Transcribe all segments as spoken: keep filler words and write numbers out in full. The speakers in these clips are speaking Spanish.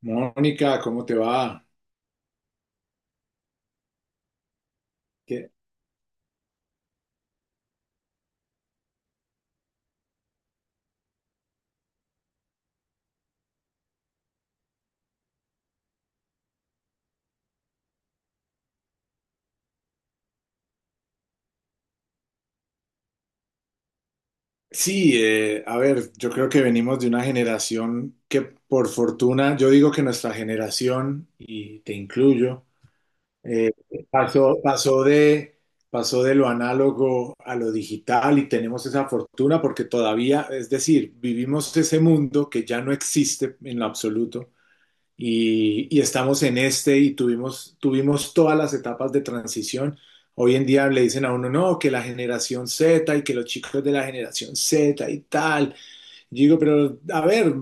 Mónica, ¿cómo te va? ¿Qué- Sí, eh, a ver, yo creo que venimos de una generación que por fortuna, yo digo que nuestra generación, y te incluyo, eh, pasó, pasó de, pasó de lo análogo a lo digital y tenemos esa fortuna porque todavía, es decir, vivimos ese mundo que ya no existe en lo absoluto y, y estamos en este y tuvimos, tuvimos todas las etapas de transición. Hoy en día le dicen a uno, no, que la generación Z y que los chicos de la generación Z y tal. Yo digo, pero a ver,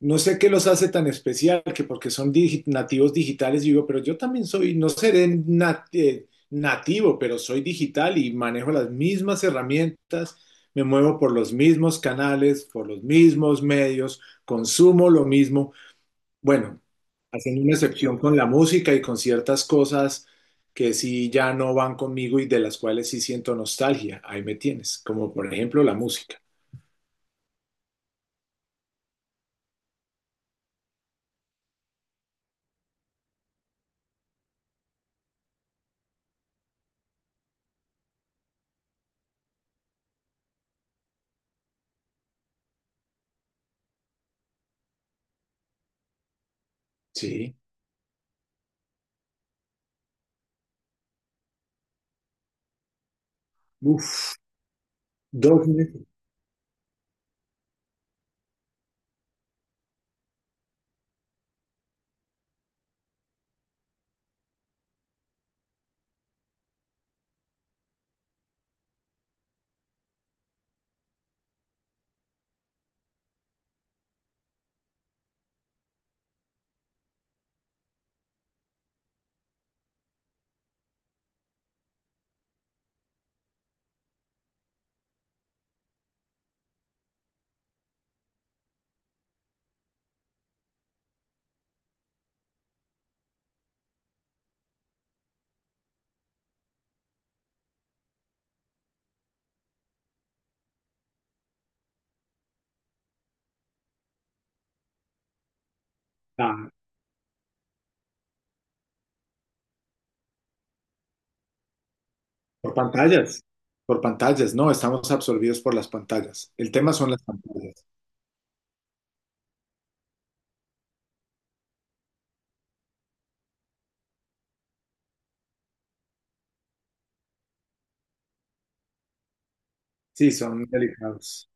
no sé qué los hace tan especial, que porque son digi- nativos digitales, yo digo, pero yo también soy, no seré nat- eh, nativo, pero soy digital y manejo las mismas herramientas, me muevo por los mismos canales, por los mismos medios, consumo lo mismo. Bueno, hacen una excepción con la música y con ciertas cosas que sí ya no van conmigo y de las cuales sí siento nostalgia. Ahí me tienes, como por ejemplo la música. Sí. Uf, dos meses. Ah, por pantallas. Por pantallas, no, estamos absorbidos por las pantallas. El tema son las pantallas. Sí, son delicados.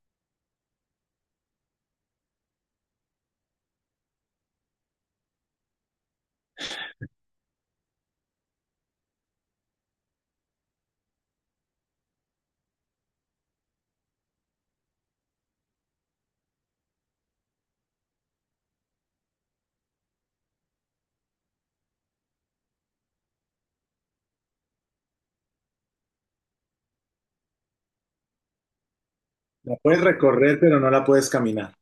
La puedes recorrer, pero no la puedes caminar.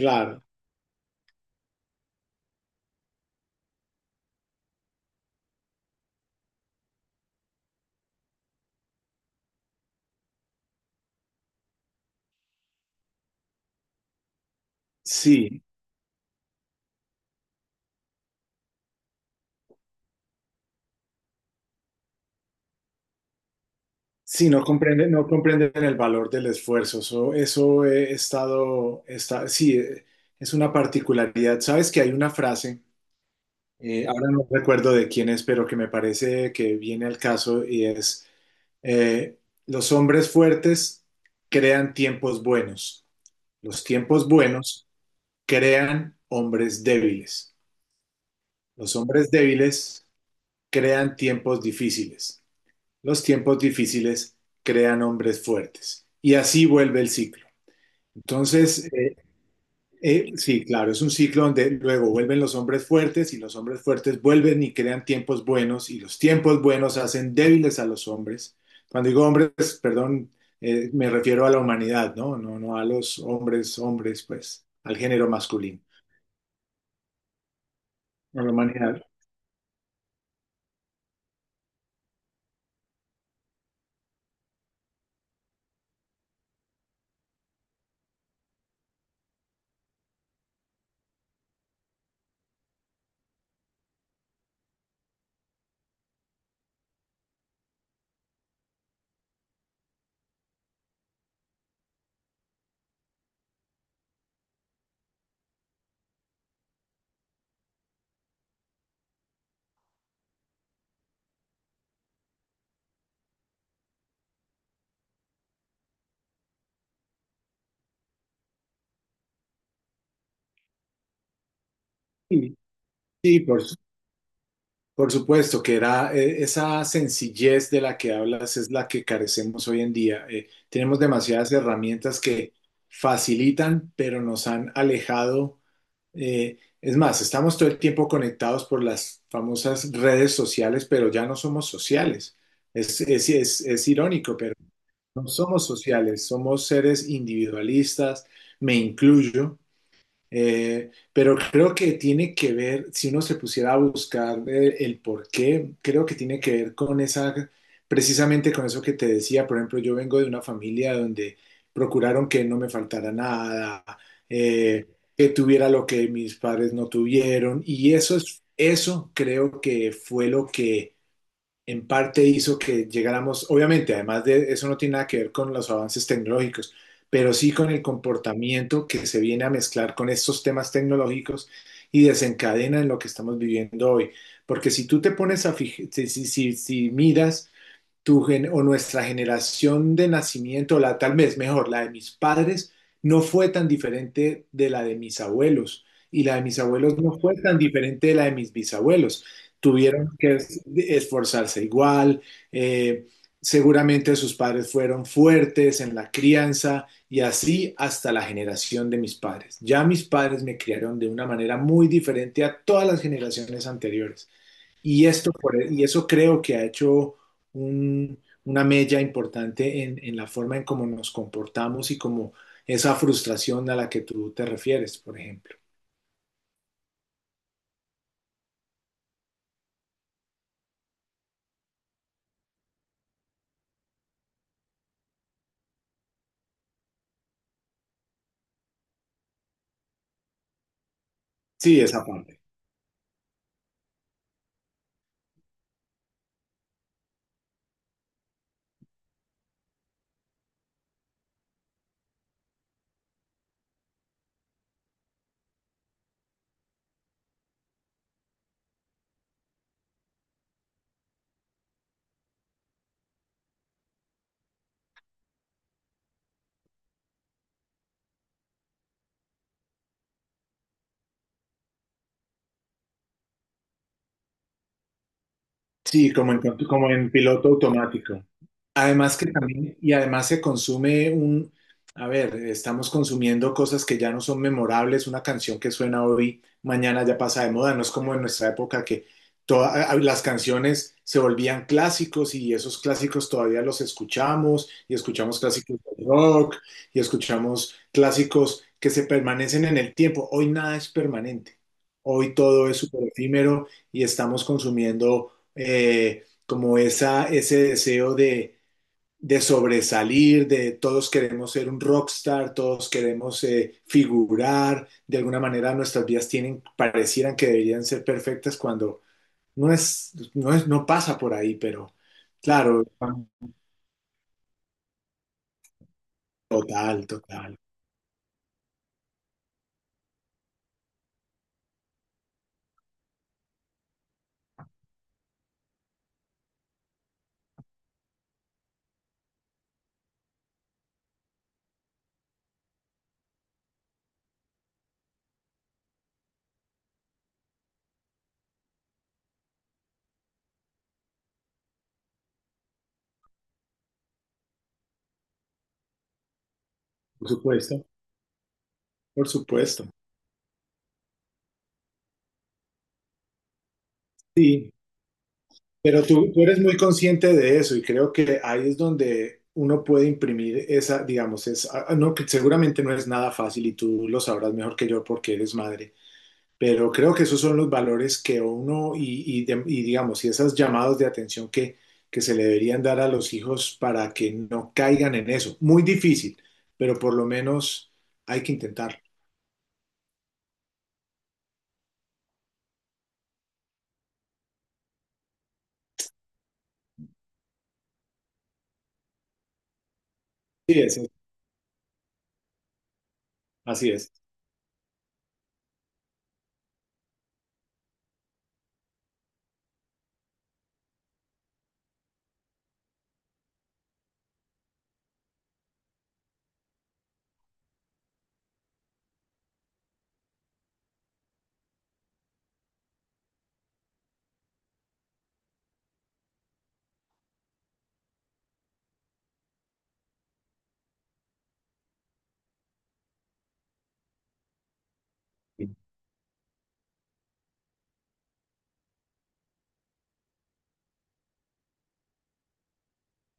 Claro, sí. Sí, no comprenden, no comprenden el valor del esfuerzo. Eso, eso he estado, está, sí, eh, es una particularidad. Sabes que hay una frase, eh, ahora no recuerdo de quién es, pero que me parece que viene al caso y es, eh, los hombres fuertes crean tiempos buenos. Los tiempos buenos crean hombres débiles. Los hombres débiles crean tiempos difíciles. Los tiempos difíciles crean hombres fuertes. Y así vuelve el ciclo. Entonces, eh, eh, sí, claro, es un ciclo donde luego vuelven los hombres fuertes y los hombres fuertes vuelven y crean tiempos buenos y los tiempos buenos hacen débiles a los hombres. Cuando digo hombres, perdón, eh, me refiero a la humanidad, ¿no? No, no a los hombres, hombres, pues, al género masculino, a la humanidad. Sí, sí, por Por supuesto que era eh, esa sencillez de la que hablas es la que carecemos hoy en día. Eh, tenemos demasiadas herramientas que facilitan, pero nos han alejado. Eh, es más, estamos todo el tiempo conectados por las famosas redes sociales, pero ya no somos sociales. Es, es, es, es irónico, pero no somos sociales, somos seres individualistas, me incluyo. Eh, pero creo que tiene que ver, si uno se pusiera a buscar eh, el, por qué, creo que tiene que ver con esa, precisamente con eso que te decía. Por ejemplo, yo vengo de una familia donde procuraron que no me faltara nada, eh, que tuviera lo que mis padres no tuvieron. Y eso es, eso creo que fue lo que en parte hizo que llegáramos, obviamente, además de eso no tiene nada que ver con los avances tecnológicos, pero sí con el comportamiento que se viene a mezclar con estos temas tecnológicos y desencadena en lo que estamos viviendo hoy. Porque si tú te pones a fijar, si, si, si si miras tu gen- o nuestra generación de nacimiento, la tal vez mejor, la de mis padres, no fue tan diferente de la de mis abuelos y la de mis abuelos no fue tan diferente de la de mis bisabuelos. Tuvieron que es- esforzarse igual, eh, seguramente sus padres fueron fuertes en la crianza y así hasta la generación de mis padres. Ya mis padres me criaron de una manera muy diferente a todas las generaciones anteriores. Y esto por- e, y eso creo que ha hecho un- una mella importante en, en la forma en cómo nos comportamos y como esa frustración a la que tú te refieres, por ejemplo. Sí, esa parte. Sí, como en, como en piloto automático. Además que también, y además se consume un, a ver, estamos consumiendo cosas que ya no son memorables, una canción que suena hoy, mañana ya pasa de moda, no es como en nuestra época que todas las canciones se volvían clásicos y esos clásicos todavía los escuchamos y escuchamos clásicos de rock y escuchamos clásicos que se permanecen en el tiempo. Hoy nada es permanente, hoy todo es súper efímero y estamos consumiendo eh, como esa, ese deseo de de sobresalir, de todos queremos ser un rockstar, todos queremos eh, figurar, de alguna manera nuestras vidas tienen, parecieran que deberían ser perfectas cuando no es, no es, no pasa por ahí, pero claro, total, total, por supuesto, por supuesto. Sí, pero tú, tú eres muy consciente de eso y creo que ahí es donde uno puede imprimir esa, digamos, es, ah, no, que seguramente no es nada fácil y tú lo sabrás mejor que yo porque eres madre. Pero creo que esos son los valores que uno y, y de- y digamos, y esos llamados de atención que, que se le deberían dar a los hijos para que no caigan en eso. Muy difícil, pero por lo menos hay que intentarlo. Sí, es, así es.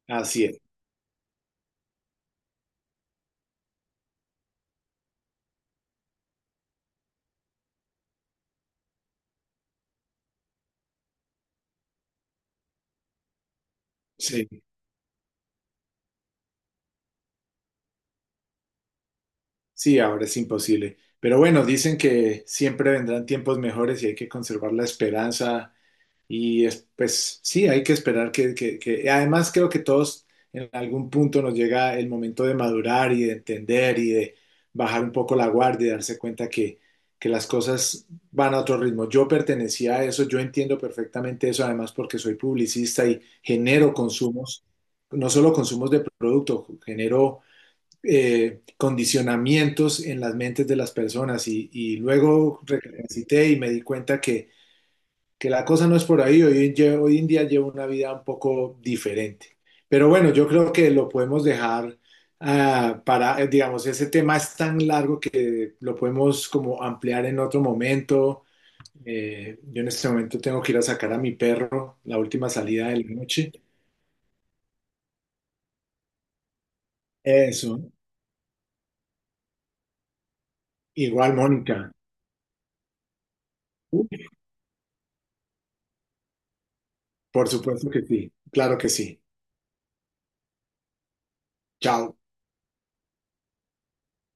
Así es. Sí, sí, ahora es imposible. Pero bueno, dicen que siempre vendrán tiempos mejores y hay que conservar la esperanza. Y es- pues sí, hay que esperar que, que- que- además, creo que todos en algún punto nos llega el momento de madurar y de entender y de bajar un poco la guardia y darse cuenta que, que las cosas van a otro ritmo. Yo pertenecía a eso, yo entiendo perfectamente eso, además porque soy publicista y genero consumos, no solo consumos de producto, genero eh, condicionamientos en las mentes de las personas y, y luego recapacité y me di cuenta que que la cosa no es por ahí. Hoy, en- lle- hoy en día llevo una vida un poco diferente. Pero bueno, yo creo que lo podemos dejar ah, para, eh, digamos, ese tema es tan largo que lo podemos como ampliar en otro momento. Eh, yo en este momento tengo que ir a sacar a mi perro, la última salida de la noche. Eso. Igual, Mónica. Por supuesto que sí. Claro que sí. Chao.